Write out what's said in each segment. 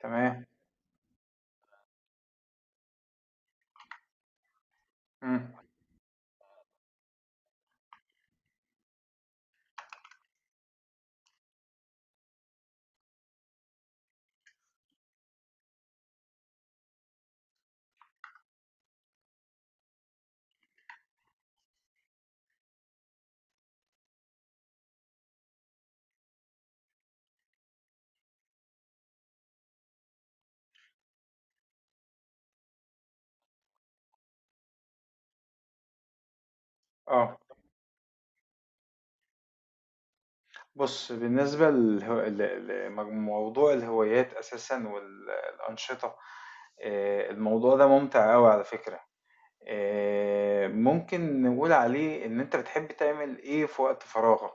تمام. إمم. آه. بُص، بالنسبة للهو ل لموضوع الهوايات أساسًا الأنشطة، الموضوع ده مُمتع أوي على فكرة. ممكن نقول عليه إن أنت بتحب تعمل إيه في وقت فراغك.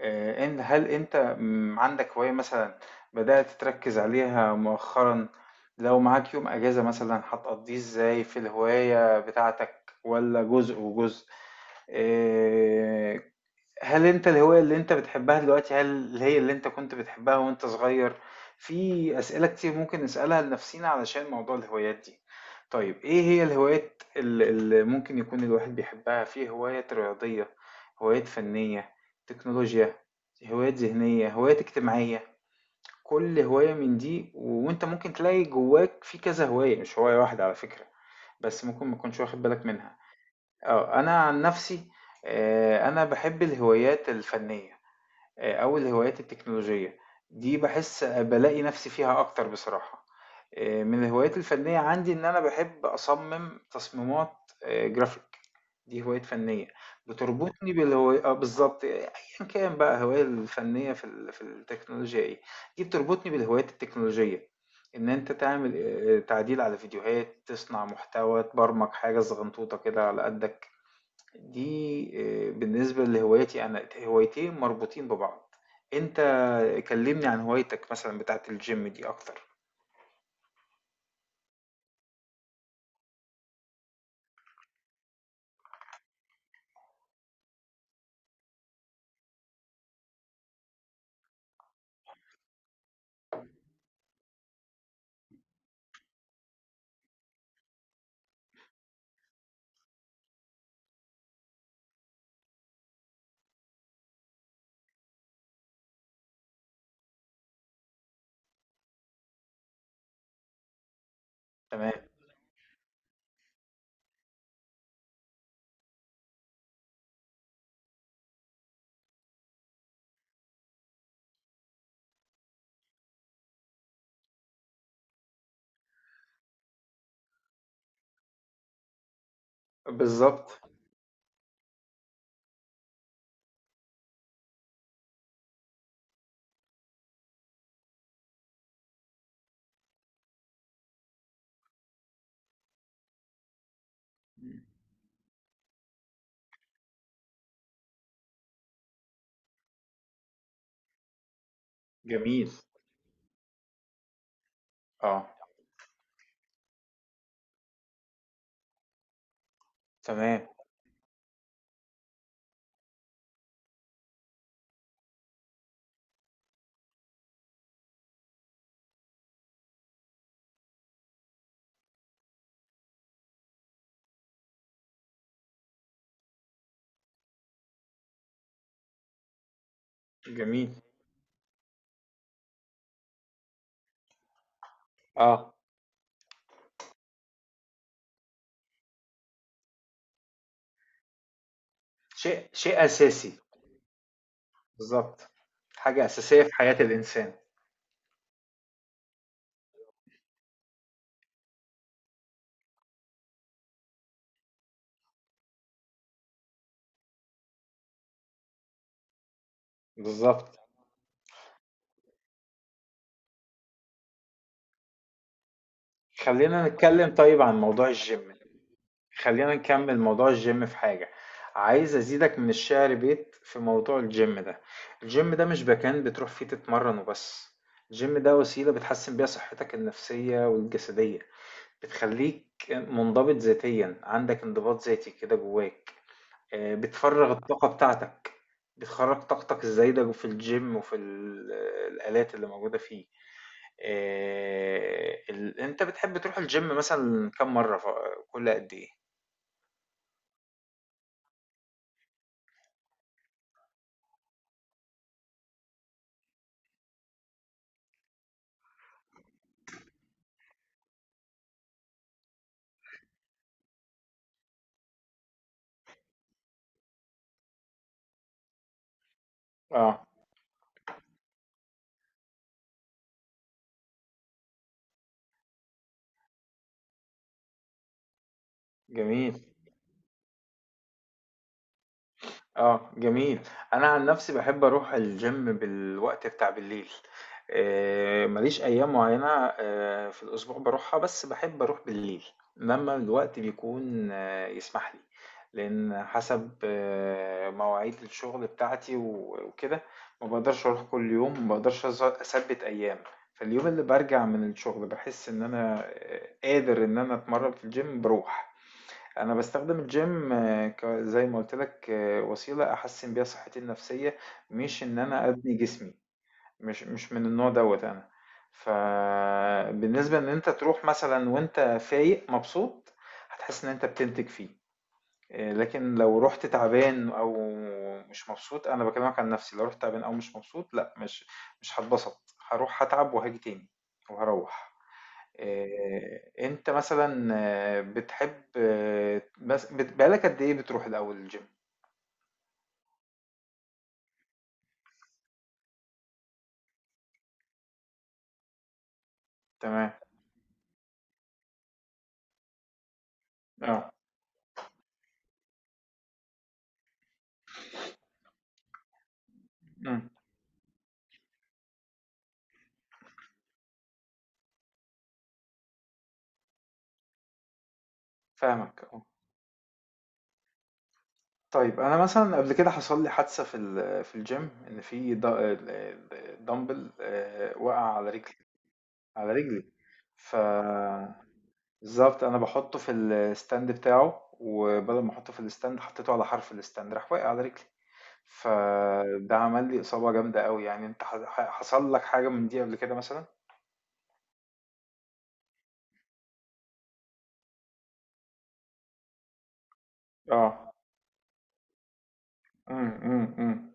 إن هل أنت عندك هواية مثلًا بدأت تركّز عليها مؤخرًا؟ لو معاك يوم أجازة مثلًا هتقضّيه إزاي في الهواية بتاعتك والّا جزء وجزء؟ آآ هل انت الهواية اللي انت بتحبها دلوقتي؟ هل هي اللي انت كنت بتحبها وانت صغير؟ في اسئلة كتير ممكن نسألها لنفسينا علشان موضوع الهوايات دي. طيب ايه هي الهوايات اللي ممكن يكون الواحد بيحبها؟ في هوايات رياضية، هوايات فنية، تكنولوجيا، هوايات ذهنية، هوايات اجتماعية. كل هواية من دي وانت ممكن تلاقي جواك في كذا هواية، مش هواية واحدة على فكرة، بس ممكن ما تكونش واخد بالك منها. اه، انا عن نفسي آه، انا بحب الهوايات الفنية، أو الهوايات التكنولوجية، دي باحس بالاقي نفسي فيها أكتر بصراحة. من الهوايات الفنية عندي إن أنا باحب أصمم تصميمات graphic، دي هواية فنية، بتربطني بالهواي آه بالضبط، أيًا كان بقى الهواية الفنية في التكنولوجيا إيه، دي بتربطني بالهوايات التكنولوجية، إن أنت تعمل تعديل على فيديوهات، تصنع محتوى، تبرمج حاجة صغنطوطة كده على قدك. دي بالنسبة لهوايتي أنا، هوايتين مربوطين ببعض. أنت كلّمني عن هوايتك مثلًا بتاعة الgym دي أكتر. تمام. بالضبط. إمم. جميل. آه. تمام. جميل. آه. شيء شيء أساسي. بالضبط. حاجة أساسية في حياة الإنسان. بالضبط. خلّينا نتكلّم طيب عن موضوع الgym. خلينا نكمل موضوع الجيم. في حاجة عايز ازيدك من الشعر بيت في موضوع الجيم ده. الجيم ده مش مكان بتروح فيه تتمرن وبس، الجيم ده وسيلة بتحسن بيها صحتك النفسية والجسدية. بتخليك منضبط ذاتيا، عندك انضباط ذاتي كده جواك، آه، بتفرغ الطاقة بتاعتك، بتخرج طاقتك الزايدة في الجيم وفي الآلات اللي موجودة فيه. آه، انت بتحب تروح الجيم مثلا كم مرة كل قد ايه؟ اه. جميل. آه، جميل. أنا عن نفسي باحب أروح الgym بالوقت بتاع بالليل. ما ليش أيام معيّنة في الأسبوع باروحها، بس باحب أروح بالليل، لمّا الوقت بيكون آه، يسمح لي. لإن حسب آه، مواعيد الشغل بتاعتي وكده، ما باقدرش أروح كل يوم، ما باقدرش أثبِّت أيام. فاليوم اللي بارجع من الشغل باحس إن أنا آه، قادر إن أنا أتمرّن في الgym باروح. انا بستخدم الجيم آه، زي ما قلت لك آه، وسيله احسن بيها صحتي النفسيه، مش ان انا ابني جسمي، مش من النوع دوت انا. فبالنسبه ان انت تروح مثلا وانت فايق مبسوط هتحس ان انت بتنتج فيه، آه، لكن لو رحت تعبان او مش مبسوط، انا بكلمك عن نفسي، لو رحت تعبان او مش مبسوط، لا، مش هتبسط، هروح هتعب وهاجي تاني وهروح. أنت مثلًا آه، بتحب آه، بس بقى لك قد إيه بتروح الأول الgym؟ تمام، آه، إمم، فاهمك آه. طيب أنا مثلًا قبل كده حصل لي حادثة في الgym، إن في د ال ال dumbbell وقع على رجلي، ف بالضبط، أنا باحطه في الstand بتاعه، وبدل ما أحطه في الstand حطيته على حرف الstand راح واقع على رجلي، فده عمل لي إصابة جامدة أوي يعني. أنت ح ح حصل لك حاجة من دي قبل كده مثلًا؟ آه. إمم، إمم، إمم.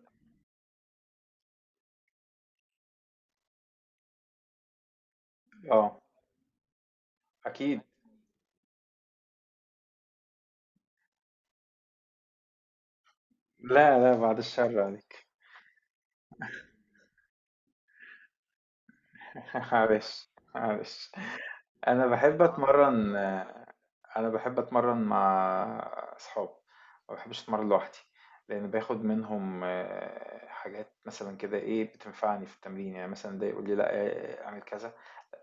آه، أكيد. لا، لا بعد الشر عليك. معلش، معلش. أنا باحب أتمرّن، أنا باحب أتمرّن مع أصحابي، ما باحبش أتمرّن لوحدي، لإن باخد منهم آه، حاجات مثلًا كده إيه، بتنفعني في التمرين، يعني مثلًا ده يقول لي لأ اعمل كذا،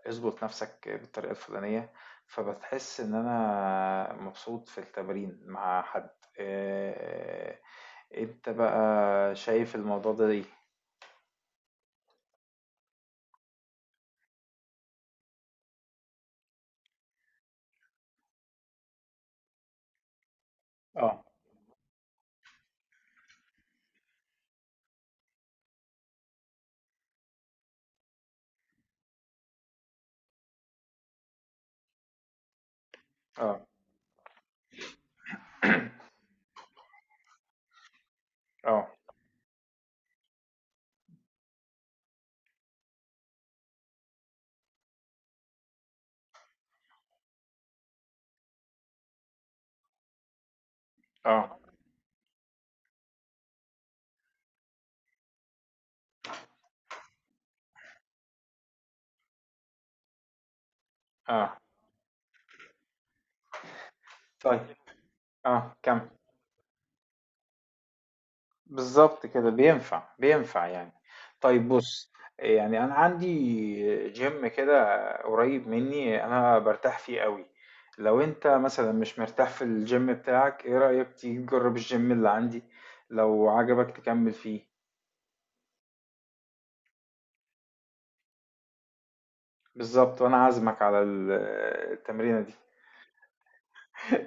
اضبط نَفْسك بالطريقة الفُلانية، فبتحس إن أنا مبسوط في التمرين مع حد. آآ أنت بقى شايف الموضوع ده إيه؟ آه. آه. آه. آه. آه. طيب كم بالظبط كده بينفع يعني. طيب بص، يعني أنا عندي جيم كده قريب مني أنا برتاح فيه قوي، لو أنت مثلا مش مرتاح في الجيم بتاعك إيه رأيك تيجي تجرب الجيم اللي عندي، لو عجبك تكمل فيه. بالظبط، وأنا عازمك على التمرينة دي.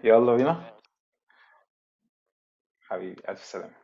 يلا بينا حبيبي، ألف سلامة.